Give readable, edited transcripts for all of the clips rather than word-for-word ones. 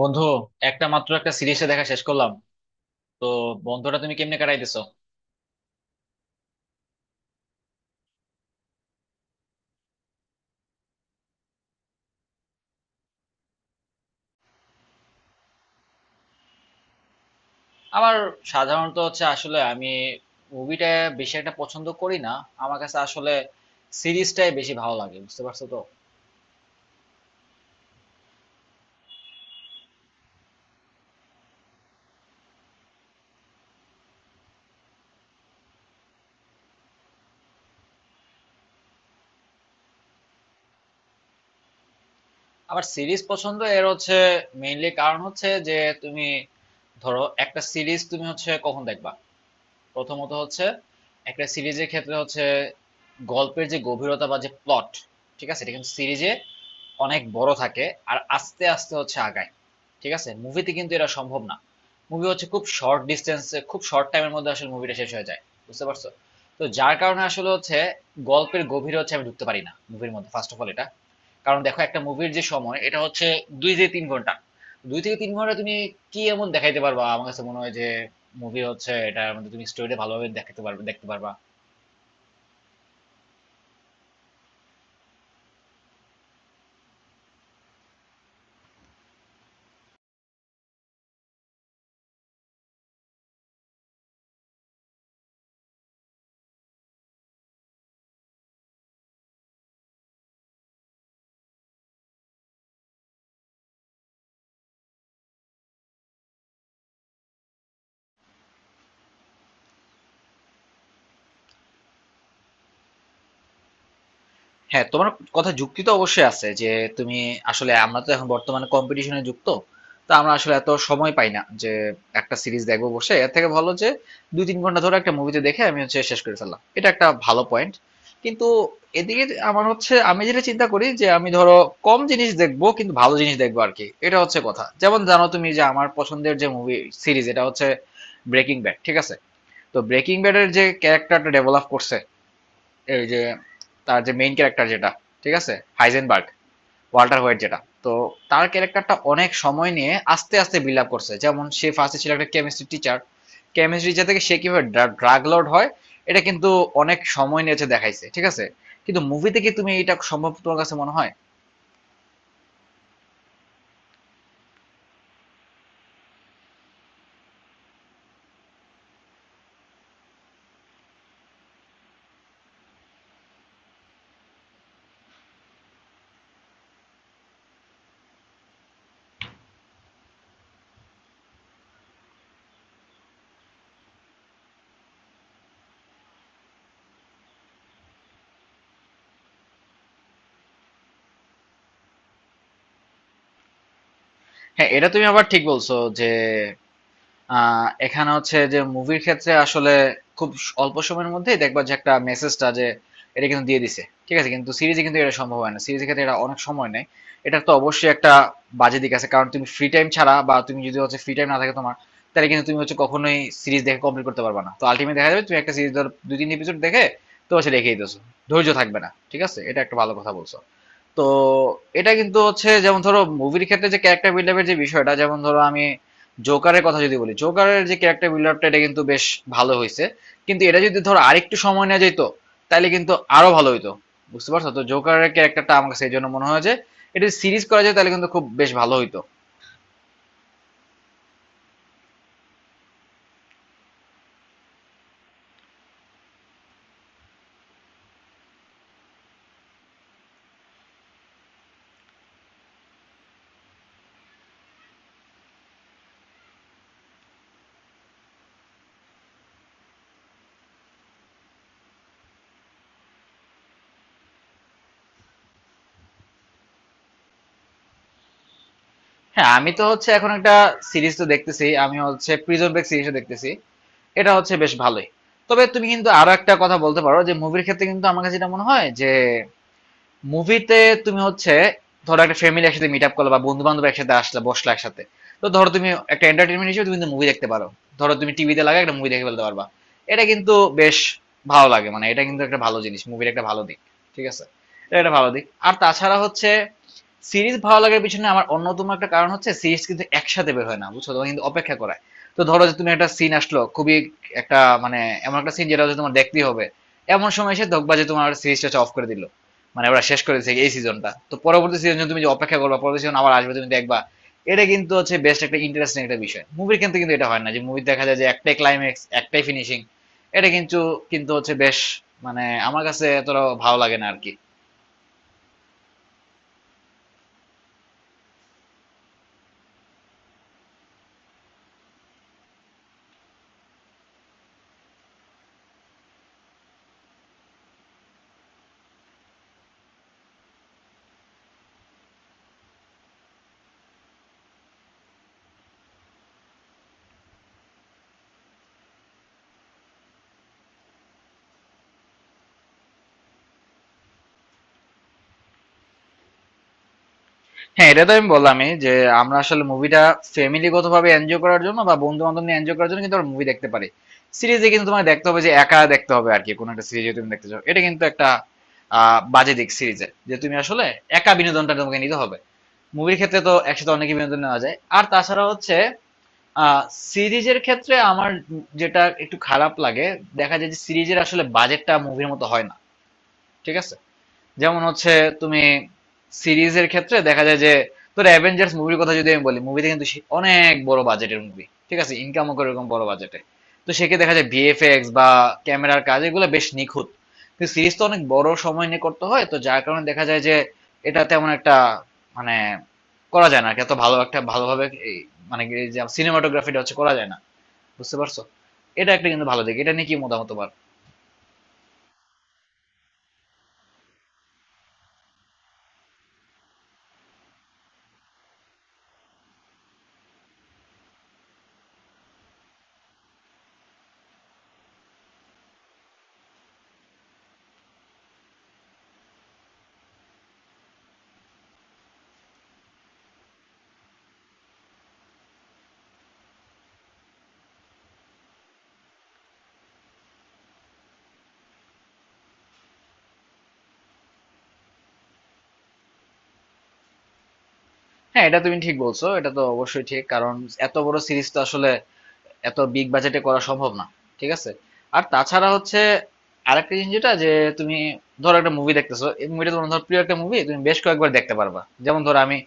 বন্ধু একটা মাত্র একটা সিরিজে দেখা শেষ করলাম, তো বন্ধুটা তুমি কেমনে কাটাইতেছো? আমার সাধারণত হচ্ছে আসলে আমি মুভিটা বেশি একটা পছন্দ করি না, আমার কাছে আসলে সিরিজটাই বেশি ভালো লাগে, বুঝতে পারছো তো। আমার সিরিজ পছন্দ এর হচ্ছে মেইনলি কারণ হচ্ছে যে, তুমি ধরো একটা সিরিজ তুমি হচ্ছে কখন দেখবা। প্রথমত হচ্ছে, একটা সিরিজের ক্ষেত্রে হচ্ছে গল্পের যে গভীরতা বা যে প্লট, ঠিক আছে, এটা কিন্তু সিরিজে অনেক বড় থাকে, আর আস্তে আস্তে হচ্ছে আগায়, ঠিক আছে। মুভিতে কিন্তু এটা সম্ভব না, মুভি হচ্ছে খুব শর্ট ডিস্টেন্সে খুব শর্ট টাইমের মধ্যে আসলে মুভিটা শেষ হয়ে যায়, বুঝতে পারছো। তো যার কারণে আসলে হচ্ছে গল্পের গভীরে হচ্ছে আমি ঢুকতে পারি না মুভির মধ্যে, ফার্স্ট অফ অল এটা। কারণ দেখো একটা মুভির যে সময় এটা হচ্ছে 2 থেকে 3 ঘন্টা, 2 থেকে 3 ঘন্টা তুমি কি এমন দেখাইতে পারবা? আমার কাছে মনে হয় যে মুভি হচ্ছে এটার মধ্যে তুমি স্টোরি ভালোভাবে দেখাতে পারবে, দেখতে পারবা। হ্যাঁ, তোমার কথা যুক্তি তো অবশ্যই আছে যে তুমি আসলে, আমরা তো এখন বর্তমানে কম্পিটিশনে যুক্ত, তো আমরা আসলে এত সময় পাই না যে একটা সিরিজ দেখবো বসে, এর থেকে ভালো যে দুই তিন ঘন্টা ধরে একটা মুভিতে দেখে আমি হচ্ছে শেষ করে ফেললাম, এটা একটা ভালো পয়েন্ট। কিন্তু এদিকে আমার হচ্ছে আমি যেটা চিন্তা করি যে আমি ধরো কম জিনিস দেখবো কিন্তু ভালো জিনিস দেখবো আর কি, এটা হচ্ছে কথা। যেমন জানো তুমি যে আমার পছন্দের যে মুভি সিরিজ এটা হচ্ছে ব্রেকিং ব্যাড, ঠিক আছে। তো ব্রেকিং ব্যাডের যে ক্যারেক্টারটা ডেভেলপ করছে, এই যে তার যে মেইন ক্যারেক্টার যেটা, ঠিক আছে, হাইজেনবার্গ, ওয়াল্টার হোয়াইট যেটা, তো তার ক্যারেক্টারটা অনেক সময় নিয়ে আস্তে আস্তে বিল্ড আপ করছে, যেমন সে ফার্স্টে ছিল একটা কেমিস্ট্রি টিচার, কেমিস্ট্রি টিচার থেকে সে কিভাবে ড্রাগ লর্ড হয়, এটা কিন্তু অনেক সময় নিয়েছে দেখাইছে, ঠিক আছে। কিন্তু মুভি থেকে তুমি এটা সম্ভব তোমার কাছে মনে হয়? হ্যাঁ, এটা তুমি আবার ঠিক বলছো যে এখানে হচ্ছে যে মুভির ক্ষেত্রে আসলে খুব অল্প সময়ের মধ্যেই দেখবা যে একটা মেসেজটা যে এটা কিন্তু দিয়ে দিছে, ঠিক আছে, কিন্তু সিরিজে কিন্তু এটা সম্ভব হয় না, সিরিজের ক্ষেত্রে এটা অনেক সময় নেয়। এটার তো অবশ্যই একটা বাজে দিক আছে, কারণ তুমি ফ্রি টাইম ছাড়া বা তুমি যদি হচ্ছে ফ্রি টাইম না থাকে তোমার, তাহলে কিন্তু তুমি হচ্ছে কখনোই সিরিজ দেখে কমপ্লিট করতে পারবে না, তো আলটিমেট দেখা যাবে তুমি একটা সিরিজ ধর দুই তিন এপিসোড দেখে তো হচ্ছে রেখেই দিছো, ধৈর্য থাকবে না, ঠিক আছে, এটা একটা ভালো কথা বলছো। তো এটা কিন্তু হচ্ছে, যেমন ধরো মুভির ক্ষেত্রে যে ক্যারেক্টার বিল্ড আপের যে বিষয়টা, যেমন ধরো আমি জোকারের কথা যদি বলি, জোকারের যে ক্যারেক্টার বিল্ড আপটা এটা কিন্তু বেশ ভালো হয়েছে, কিন্তু এটা যদি ধরো আরেকটু সময় নেওয়া যেত তাহলে কিন্তু আরো ভালো হইতো, বুঝতে পারছো তো। জোকারের ক্যারেক্টারটা আমার কাছে এই জন্য মনে হয় যে এটা সিরিজ করা যায় তাহলে কিন্তু খুব বেশ ভালো হইতো। হ্যাঁ আমি তো হচ্ছে এখন একটা সিরিজ তো দেখতেছি, আমি হচ্ছে প্রিজন ব্রেক সিরিজও দেখতেছি, এটা হচ্ছে বেশ ভালোই। তবে তুমি কিন্তু আরো একটা কথা বলতে পারো যে মুভির ক্ষেত্রে কিন্তু আমার কাছে যেটা মনে হয় যে মুভিতে তুমি হচ্ছে ধরো একটা ফ্যামিলি একসাথে মিট আপ করলো বা বন্ধু বান্ধব একসাথে আসলে বসলো একসাথে, তো ধরো তুমি একটা এন্টারটেনমেন্ট হিসেবে তুমি মুভি দেখতে পারো, ধরো তুমি টিভিতে লাগা একটা মুভি দেখে ফেলতে পারবা, এটা কিন্তু বেশ ভালো লাগে, মানে এটা কিন্তু একটা ভালো জিনিস, মুভির একটা ভালো দিক, ঠিক আছে, এটা একটা ভালো দিক। আর তাছাড়া হচ্ছে সিরিজ ভালো লাগার পিছনে আমার অন্যতম একটা কারণ হচ্ছে সিরিজ কিন্তু একসাথে বের হয় না, বুঝছো, তোমাকে কিন্তু অপেক্ষা করায়। তো ধরো যে তুমি একটা সিন আসলো খুবই একটা মানে এমন একটা সিন যেটা হচ্ছে তোমার দেখতেই হবে, এমন সময় এসে দেখবা যে তোমার সিরিজটা অফ করে দিল, মানে ওরা শেষ করেছে এই সিজনটা, তো পরবর্তী সিজন তুমি যে অপেক্ষা করবা পরবর্তী সিজন আবার আসবে তুমি দেখবা, এটা কিন্তু হচ্ছে বেস্ট একটা ইন্টারেস্টিং একটা বিষয়। মুভির ক্ষেত্রে কিন্তু এটা হয় না, যে মুভি দেখা যায় যে একটাই ক্লাইম্যাক্স একটাই ফিনিশিং, এটা কিন্তু কিন্তু হচ্ছে বেশ, মানে আমার কাছে এতটা ভালো লাগে না আর কি। হ্যাঁ এটা তো আমি বললামই যে আমরা আসলে মুভিটা ফ্যামিলিগত ভাবে এনজয় করার জন্য বা বন্ধু বান্ধব নিয়ে এনজয় করার জন্য কিন্তু আমরা মুভি দেখতে পারি, সিরিজে কিন্তু তোমাকে দেখতে হবে যে একা দেখতে হবে আর কি, কোনো একটা সিরিজে তুমি দেখতে চাও এটা কিন্তু একটা বাজে দিক সিরিজের, যে তুমি আসলে একা বিনোদনটা তোমাকে নিতে হবে, মুভির ক্ষেত্রে তো একসাথে অনেকই বিনোদন নেওয়া যায়। আর তাছাড়া হচ্ছে সিরিজের ক্ষেত্রে আমার যেটা একটু খারাপ লাগে, দেখা যায় যে সিরিজের আসলে বাজেটটা মুভির মতো হয় না, ঠিক আছে। যেমন হচ্ছে তুমি সিরিজের ক্ষেত্রে দেখা যায় যে, তোর অ্যাভেঞ্জার্স মুভির কথা যদি আমি বলি, মুভিতে কিন্তু অনেক বড় বাজেটের মুভি, ঠিক আছে, ইনকামও করে এরকম বড় বাজেটে, তো সেক্ষেত্রে দেখা যায় ভিএফএক্স বা ক্যামেরার কাজ এগুলো বেশ নিখুঁত। কিন্তু সিরিজ তো অনেক বড় সময় নিয়ে করতে হয়, তো যার কারণে দেখা যায় যে এটা তেমন একটা মানে করা যায় না আর কি, এত ভালো একটা ভালোভাবে এই মানে এই যে সিনেমাটোগ্রাফিটা হচ্ছে করা যায় না, বুঝতে পারছো। এটা একটা কিন্তু ভালো দিক, এটা নিয়ে কি মতামত তোমার? হ্যাঁ এটা তুমি ঠিক বলছো, এটা তো অবশ্যই ঠিক, কারণ এত বড় সিরিজ তো আসলে এত বিগ বাজেটে করা সম্ভব না, ঠিক আছে। আর তাছাড়া হচ্ছে আরেকটা জিনিস যেটা যে তুমি ধরো একটা মুভি দেখতেছো এই মুভিটা তোমার ধর প্রিয় একটা মুভি তুমি বেশ কয়েকবার দেখতে পারবা, যেমন ধরো আমি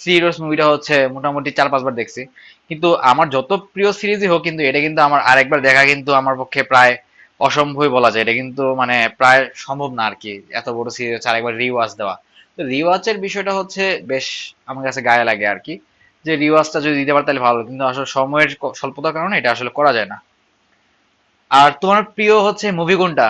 থ্রি ইডিয়টস মুভিটা হচ্ছে মোটামুটি চার পাঁচবার দেখছি। কিন্তু আমার যত প্রিয় সিরিজই হোক কিন্তু এটা কিন্তু আমার আরেকবার দেখা কিন্তু আমার পক্ষে প্রায় অসম্ভবই বলা যায়, এটা কিন্তু মানে প্রায় সম্ভব না আর কি, এত বড় সিরিজ হচ্ছে আরেকবার রিওয়াজ দেওয়া। তো রিওয়াচের বিষয়টা হচ্ছে বেশ আমার কাছে গায়ে লাগে আর কি, যে রিওয়াজটা যদি দিতে পারে তাহলে ভালো হতো। কিন্তু আসলে সময়ের স্বল্পতার কারণে এটা আসলে করা যায় না। আর তোমার প্রিয় হচ্ছে মুভি কোনটা?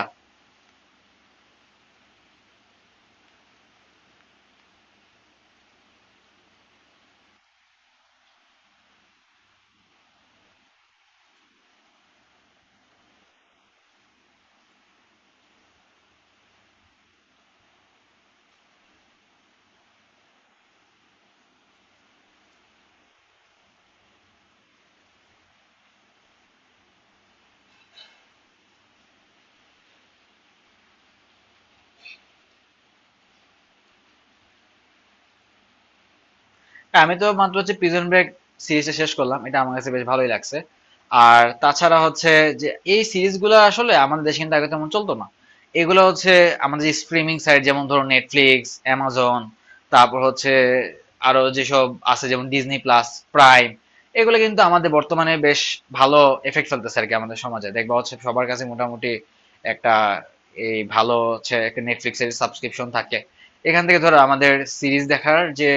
হ্যাঁ, আমি তো মাত্র হচ্ছে প্রিজন ব্রেক সিরিজটা শেষ করলাম, এটা আমার কাছে বেশ ভালোই লাগছে। আর তাছাড়া হচ্ছে যে এই সিরিজগুলো আসলে আমাদের দেশে কিন্তু আগে তেমন চলতো না, এগুলো হচ্ছে আমাদের স্ট্রিমিং সাইট যেমন ধরো নেটফ্লিক্স, অ্যামাজন, তারপর হচ্ছে আরো যেসব আছে যেমন ডিজনি প্লাস, প্রাইম, এগুলো কিন্তু আমাদের বর্তমানে বেশ ভালো এফেক্ট ফেলতেছে আর কি। আমাদের সমাজে দেখবা হচ্ছে সবার কাছে মোটামুটি একটা এই ভালো হচ্ছে একটা নেটফ্লিক্স এর সাবস্ক্রিপশন থাকে, এখান থেকে ধরো আমাদের সিরিজ দেখার যে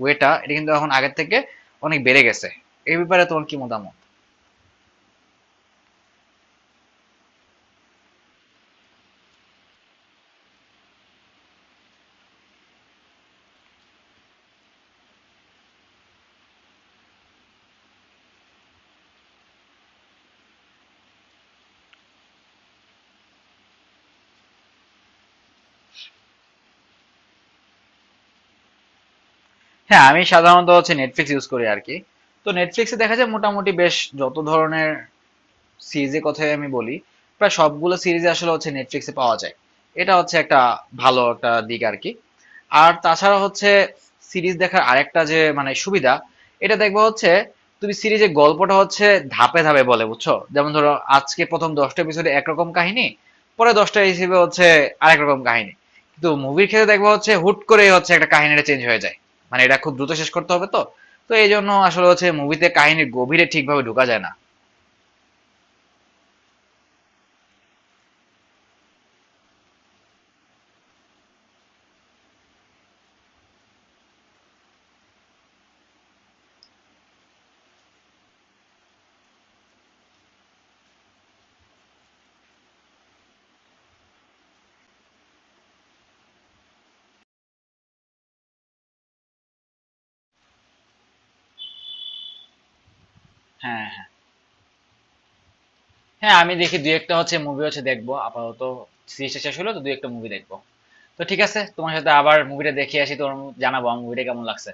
ওয়েটা এটা কিন্তু এখন আগের থেকে অনেক বেড়ে গেছে। এই ব্যাপারে তোমার কি মতামত? হ্যাঁ আমি সাধারণত হচ্ছে নেটফ্লিক্স ইউজ করি আর কি, তো নেটফ্লিক্সে দেখা যায় মোটামুটি বেশ যত ধরনের সিরিজের কথাই আমি বলি প্রায় সবগুলো সিরিজ আসলে হচ্ছে নেটফ্লিক্সে পাওয়া যায়, এটা হচ্ছে একটা ভালো একটা দিক আর কি। আর তাছাড়া হচ্ছে সিরিজ দেখার আরেকটা যে মানে সুবিধা এটা দেখবো হচ্ছে, তুমি সিরিজের গল্পটা হচ্ছে ধাপে ধাপে বলে, বুঝছো, যেমন ধরো আজকে প্রথম 10টা এপিসোডে একরকম কাহিনী, পরে 10টা হিসেবে হচ্ছে আরেক রকম কাহিনী। কিন্তু মুভির ক্ষেত্রে দেখবো হচ্ছে হুট করে হচ্ছে একটা কাহিনীটা চেঞ্জ হয়ে যায়, মানে এটা খুব দ্রুত শেষ করতে হবে তো, তো এই জন্য আসলে হচ্ছে মুভিতে কাহিনীর গভীরে ঠিকভাবে ঢোকা যায় না। হ্যাঁ, হ্যাঁ আমি দেখি দুই একটা হচ্ছে মুভি হচ্ছে দেখবো, আপাতত সিরিজটা শেষ হলো তো দুই একটা মুভি দেখবো। তো ঠিক আছে, তোমার সাথে আবার মুভিটা দেখে আসি, তোমার জানাবো আমার মুভিটা কেমন লাগছে।